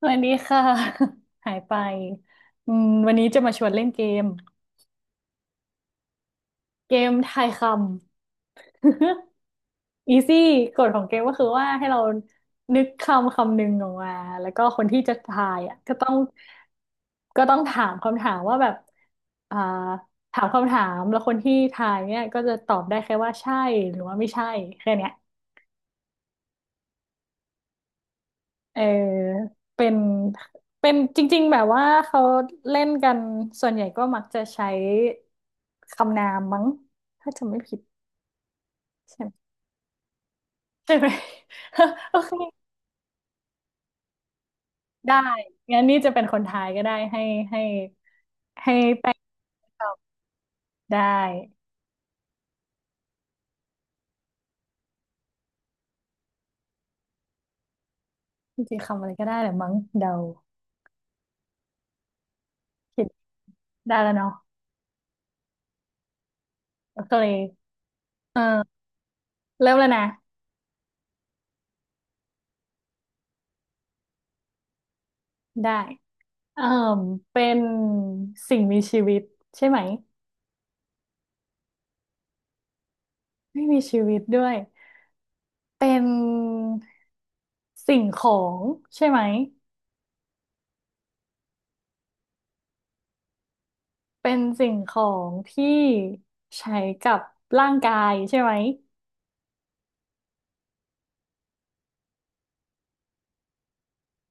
สวัสดีค่ะ หายไปวันนี้จะมาชวนเล่นเกมเกมทายคำ อีซี่กฎของเกมก็คือว่าให้เรานึกคำคำหนึ่งออกมาแล้วก็คนที่จะทายอ่ะก็ต้องถามคำถามว่าแบบอ่าถามคำถามแล้วคนที่ทายเนี่ยก็จะตอบได้แค่ว่าใช่หรือว่าไม่ใช่แค่เนี้ย เออเป็นเป็นจริงๆแบบว่าเขาเล่นกันส่วนใหญ่ก็มักจะใช้คำนามมั้งถ้าจำไม่ผิดใช่ไหมใช่ไหม โอเคได้งั้นนี่จะเป็นคนทายก็ได้ให้ให้แป้งตอบได้จริงๆคำอะไรก็ได้แหละมั้งเดาคิดได้แล้วเนาะโอเคเออเริ่มแล้วนะได้เออเป็นสิ่งมีชีวิตใช่ไหมไม่มีชีวิตด้วย เป็นสิ่งของใช่ไหมเป็นสิ่งของที่ใช้กับร่างกายใช่ไหม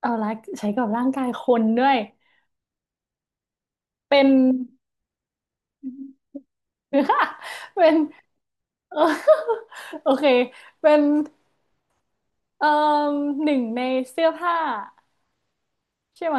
เอาละใช้กับร่างกายคนด้วยเป็น เป็น เออโอเคเป็นเอ่อหนึ่งในเสื้อผ้าใช่ไหม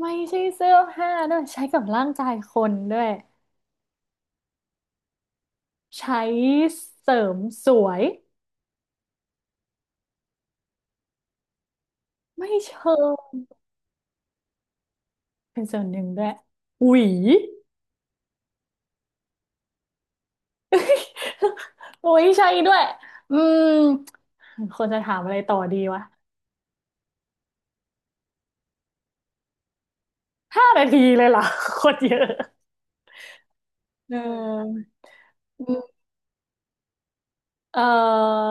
ไม่ใช่เสื้อผ้าด้วยใช้กับร่างกายคนด้วยใช้เสริมสวยไม่เชิงเป็นส่วนหนึ่งด้วยหวี โอ้ยใช่ด้วยอืมควรจะถามอะไรต่อดีวะ5 นาทีเลยเหรอ โคตรเยอะเอออืมเออ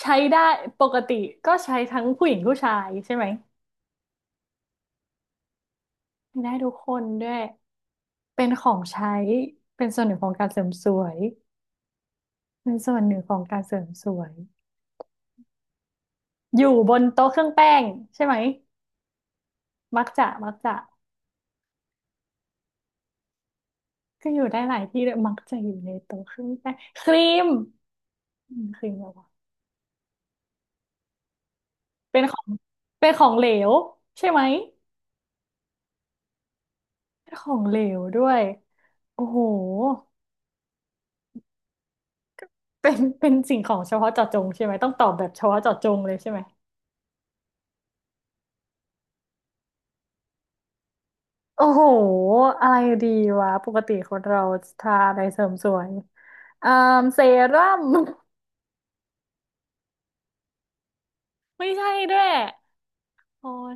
ใช้ได้ปกติก็ใช้ทั้งผู้หญิงผู้ชายใช่ไหมได้ทุกคนด้วยเป็นของใช้เป็นส่วนหนึ่งของการเสริมสวยเป็นส่วนหนึ่งของการเสริมสวยอยู่บนโต๊ะเครื่องแป้งใช่ไหมมักจะก็อยู่ได้หลายที่เลยมักจะอยู่ในโต๊ะเครื่องแป้งครีมครีม เป็นของเป็นของเหลวใช่ไหมเป็นของเหลวด้วยโอ้โหเป็นเป็นสิ่งของเฉพาะเจาะจงใช่ไหมต้องตอบแบบเฉพาะเจาะจงเลยใช่ไหมโอ้โหอะไรดีวะปกติคนเราทาอะไรเสริมสวยอ่าเซรั่ม ไม่ใช่ด้วยโอ้ย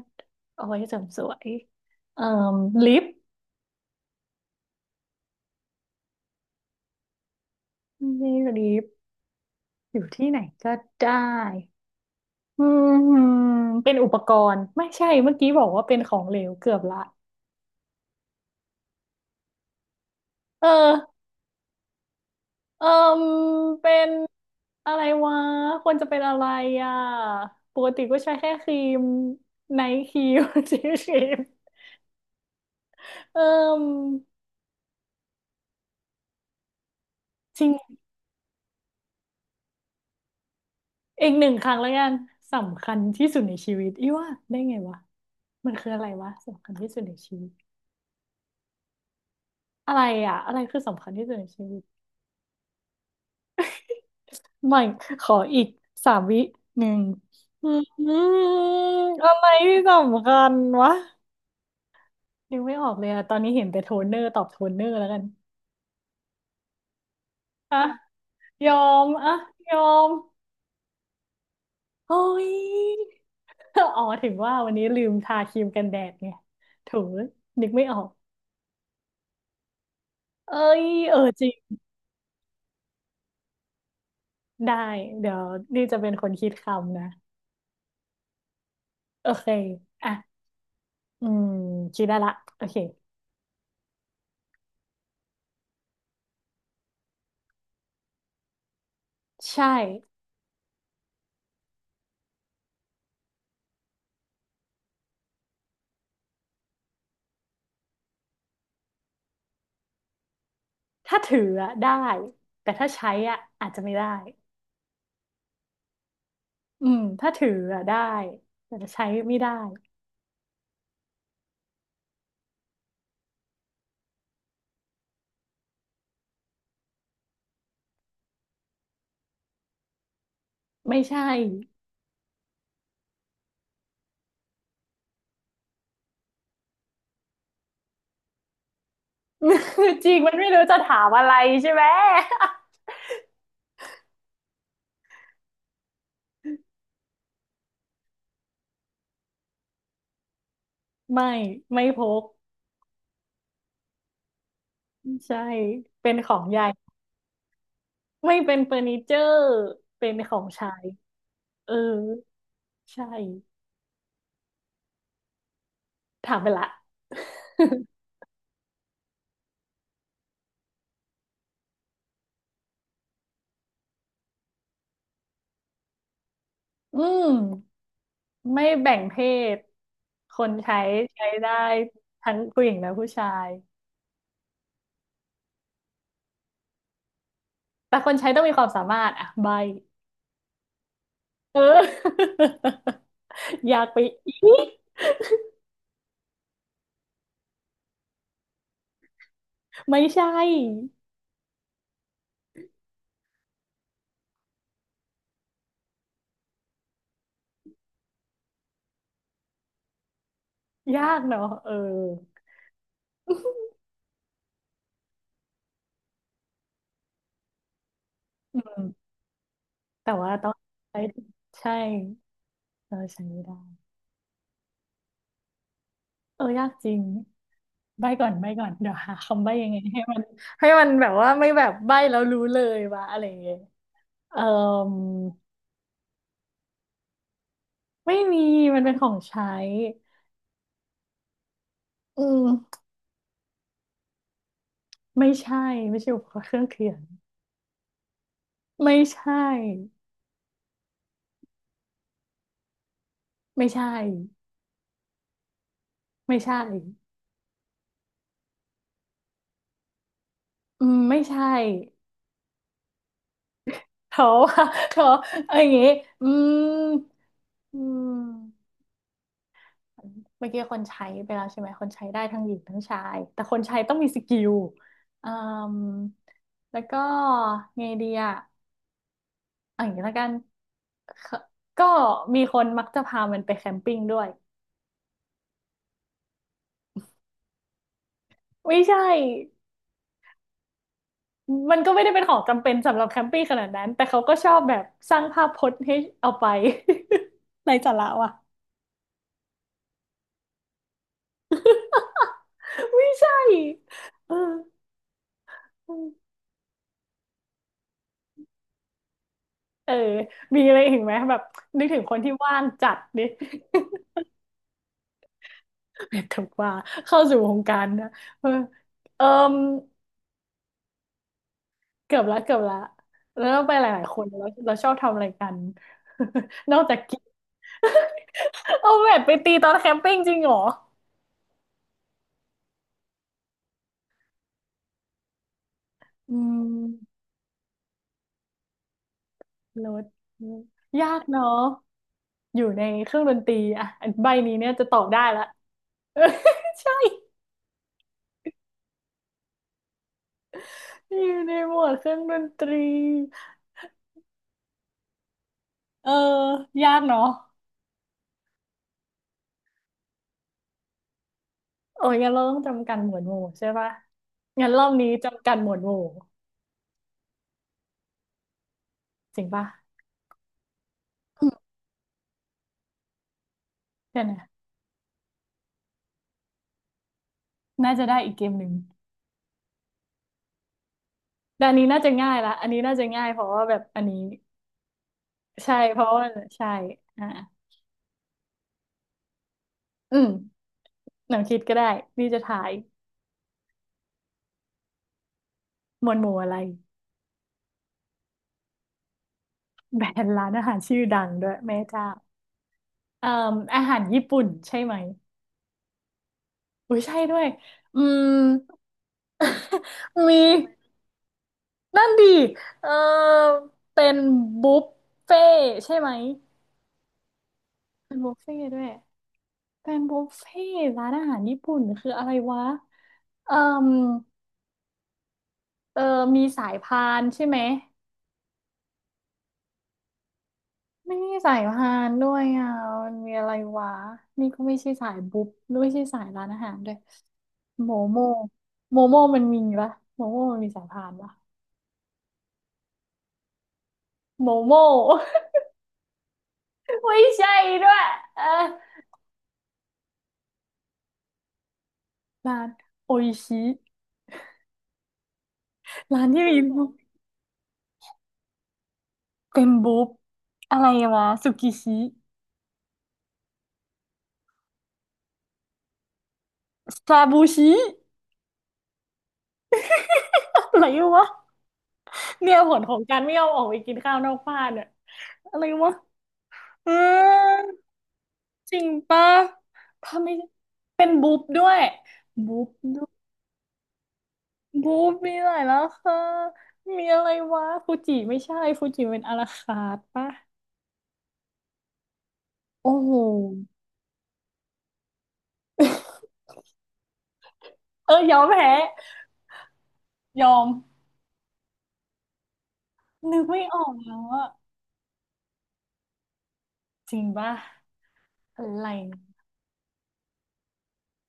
เอาไว้เสริมสวยเอ่อลิปไม่ใช่ลิปอยู่ที่ไหนก็ได้อืมเป็นอุปกรณ์ไม่ใช่เมื่อกี้บอกว่าเป็นของเหลวเกือบละ เออเออเป็นอะไรวะควรจะเป็นอะไรอ่ะปกติก็ใช้แค่ครีมไนท์ครีม ชีสครีมเออจริงอีกหนึ่งครั้งแล้วกันสำคัญที่สุดในชีวิตอีว่าได้ไงวะมันคืออะไรวะสำคัญที่สุดในชีวิตอะไรอ่ะอะไรคือสำคัญที่สุดในชีวิตไม่ขออีก3 วิหนึ่งอืมอะไรที่สำคัญวะนึกไม่ออกเลยอะตอนนี้เห็นแต่โทนเนอร์ตอบโทนเนอร์แล้วกัน อ่ะยอมอ่ะยอมเฮ้ย อ๋อถึงว่าวันนี้ลืมทาครีมกันแดดไงโถูนึกไม่ออกเอ้ยเออจริงได้เดี๋ยวนี่จะเป็นคนคิดคำนะโอเคอ่ะอืมคิดได้ละโอเคใช่ถ้าถืออะได้แต่ถ้าใช้อะอาจจะไม่ได้อืมถ้าถืออะได้แต่ถ้าใช้ไม่ได้ไม่ใช่ จริงมันไม่รู้จะถามอะไรใช่ไหม ไม่ไม่พก ใช่เป็นของยายไม่เป็นเฟอร์นิเจอร์เป็นของใช้เออใช่ถามไปละ อืมไม่แบ่งเพศคนใช้ใช้ได้ทั้งผู้หญิงและผู้ชายแต่คนใช้ต้องมีความสามารถอ่ะใบเออ ยากไปอีกไม่ใช่ยากเนาะเอออืมแต่ว่าต้องใช้ใช่เราใช้ไม่ได้ เออยากจริงใบก่อนใบก่อนเดี๋ยวหาคำใบยังไงให้มันให้มันแบบว่าไม่แบบใบแล้วรู้เลยวะอะไรอย่างเงี้ยเออไม่มีมันเป็นของใช้อืมไม่ใช่ไม่ใช่อุปกรณ์เครื่องเขียนไม่ใช่ไม่ใช่ไม่ใช่อืมไม่ใช่เพราะว่า เพราะเอาอย่างงี้อืมอืม เมื่อกี้คนใช้ไปแล้วใช่ไหมคนใช้ได้ทั้งหญิงทั้งชายแต่คนใช้ต้องมีสกิลอืมแล้วก็ไงดีอะอาอย่างนี้ละกันก็ก็มีคนมักจะพามันไปแคมปิ้งด้วยไม่ใช่มันก็ไม่ได้เป็นของจำเป็นสำหรับแคมปิ้งขนาดนั้นแต่เขาก็ชอบแบบสร้างภาพพจน์ให้เอาไป ในสาระว่ะไม่ใช่เออเออมีอะไรอีกไหมแบบนึกถึงคนที่ว่างจัดดิ แต่ว่าเข้าสู่วงการนะเออเอมเกือบละเกือบละแล้วเราไปหลายๆคนแล้วเราชอบทำอะไรกัน นอกจากกิน เอาแบดไปตีตอนแคมปิ้งจริงเหรออืมรถยากเนาะอยู่ในเครื่องดนตรีอ่ะอันใบนี้เนี่ยจะตอบได้ละ ใช่อยู่ในหมวดเครื่องดนตรีเออยากเนาะโอ้ยงั้นเราต้องจำกัดหมวดหมู่ใช่ปะงั้นรอบนี้จำกัดหมวดหมู่ จริงปะอืมเดี๋ยวนะน่าจะได้อีกเกมหนึ่งแต่อันนี้น่าจะง่ายละอันนี้น่าจะง่ายเพราะว่าแบบอันนี้ใช่เพราะว่าใช่อ่าอืมหนังคิดก็ได้นี่จะถ่ายหมวดหมู่อะไรแบรนด์ร้านอาหารชื่อดังด้วยแม่เจ้าเอ่มอาหารญี่ปุ่นใช่ไหมอุ้ยใช่ด้วยอืม มีนั่นดีเออเป็นบุฟเฟ่ใช่ไหมเป็นบุฟเฟ่ด้วยเป็นบุฟเฟ่ร้านอาหารญี่ปุ่นคืออะไรวะ เอ่มเออมีสายพานใช่ไหมไม่มีสายพานด้วยอ่ะมันมีอะไรวะนี่ก็ไม่ใช่สายบุ๊บไม่ใช่สายร้านอาหารด้วยโมโมโมโมมันมีปะโมโมมันมีสายพานปะโมโม ไม่ใช่ด้วยเออร้านโออิชิร้านที่มีบุ๊บเป็นบุ๊บอะไรวะสุกิชิซาบูชิ อะไรวะเนี่ยผลของการไม่ยอมออกไปกินข้าวนอกบ้านเนี่ยอะไรวะเออ จริงปะถ้าไม่เป็นบุ๊บด้วยบุ๊บด้วยบุ๊บมีหลายราคามีอะไรวะฟูจิไม่ใช่ฟูจิเป็นอาราคาร์ทปะโอ้โหเออยอมแพ้ยอมนึกไม่ออกแล้วอะจริงปะอะไรนะ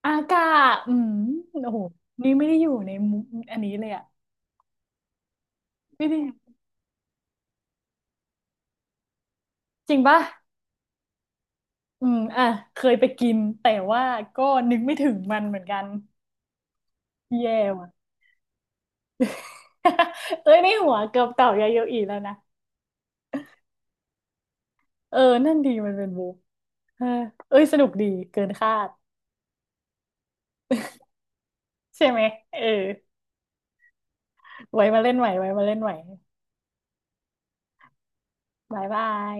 อากาศโอ้โหนี่ไม่ได้อยู่ในมุมอันนี้เลยอะไม่ได้จริงปะอืมอ่ะเคยไปกินแต่ว่าก็นึกไม่ถึงมันเหมือนกันแย่ เอ้ยในหัวเกือบเต่ายาโยอีแล้วนะเออนั่นดีมันเป็นบุกเออเอ้ยสนุกดีเกินคาดใช่ไหมเออไว้มาเล่นใหม่ไว้มาเล่นใหม่บายบาย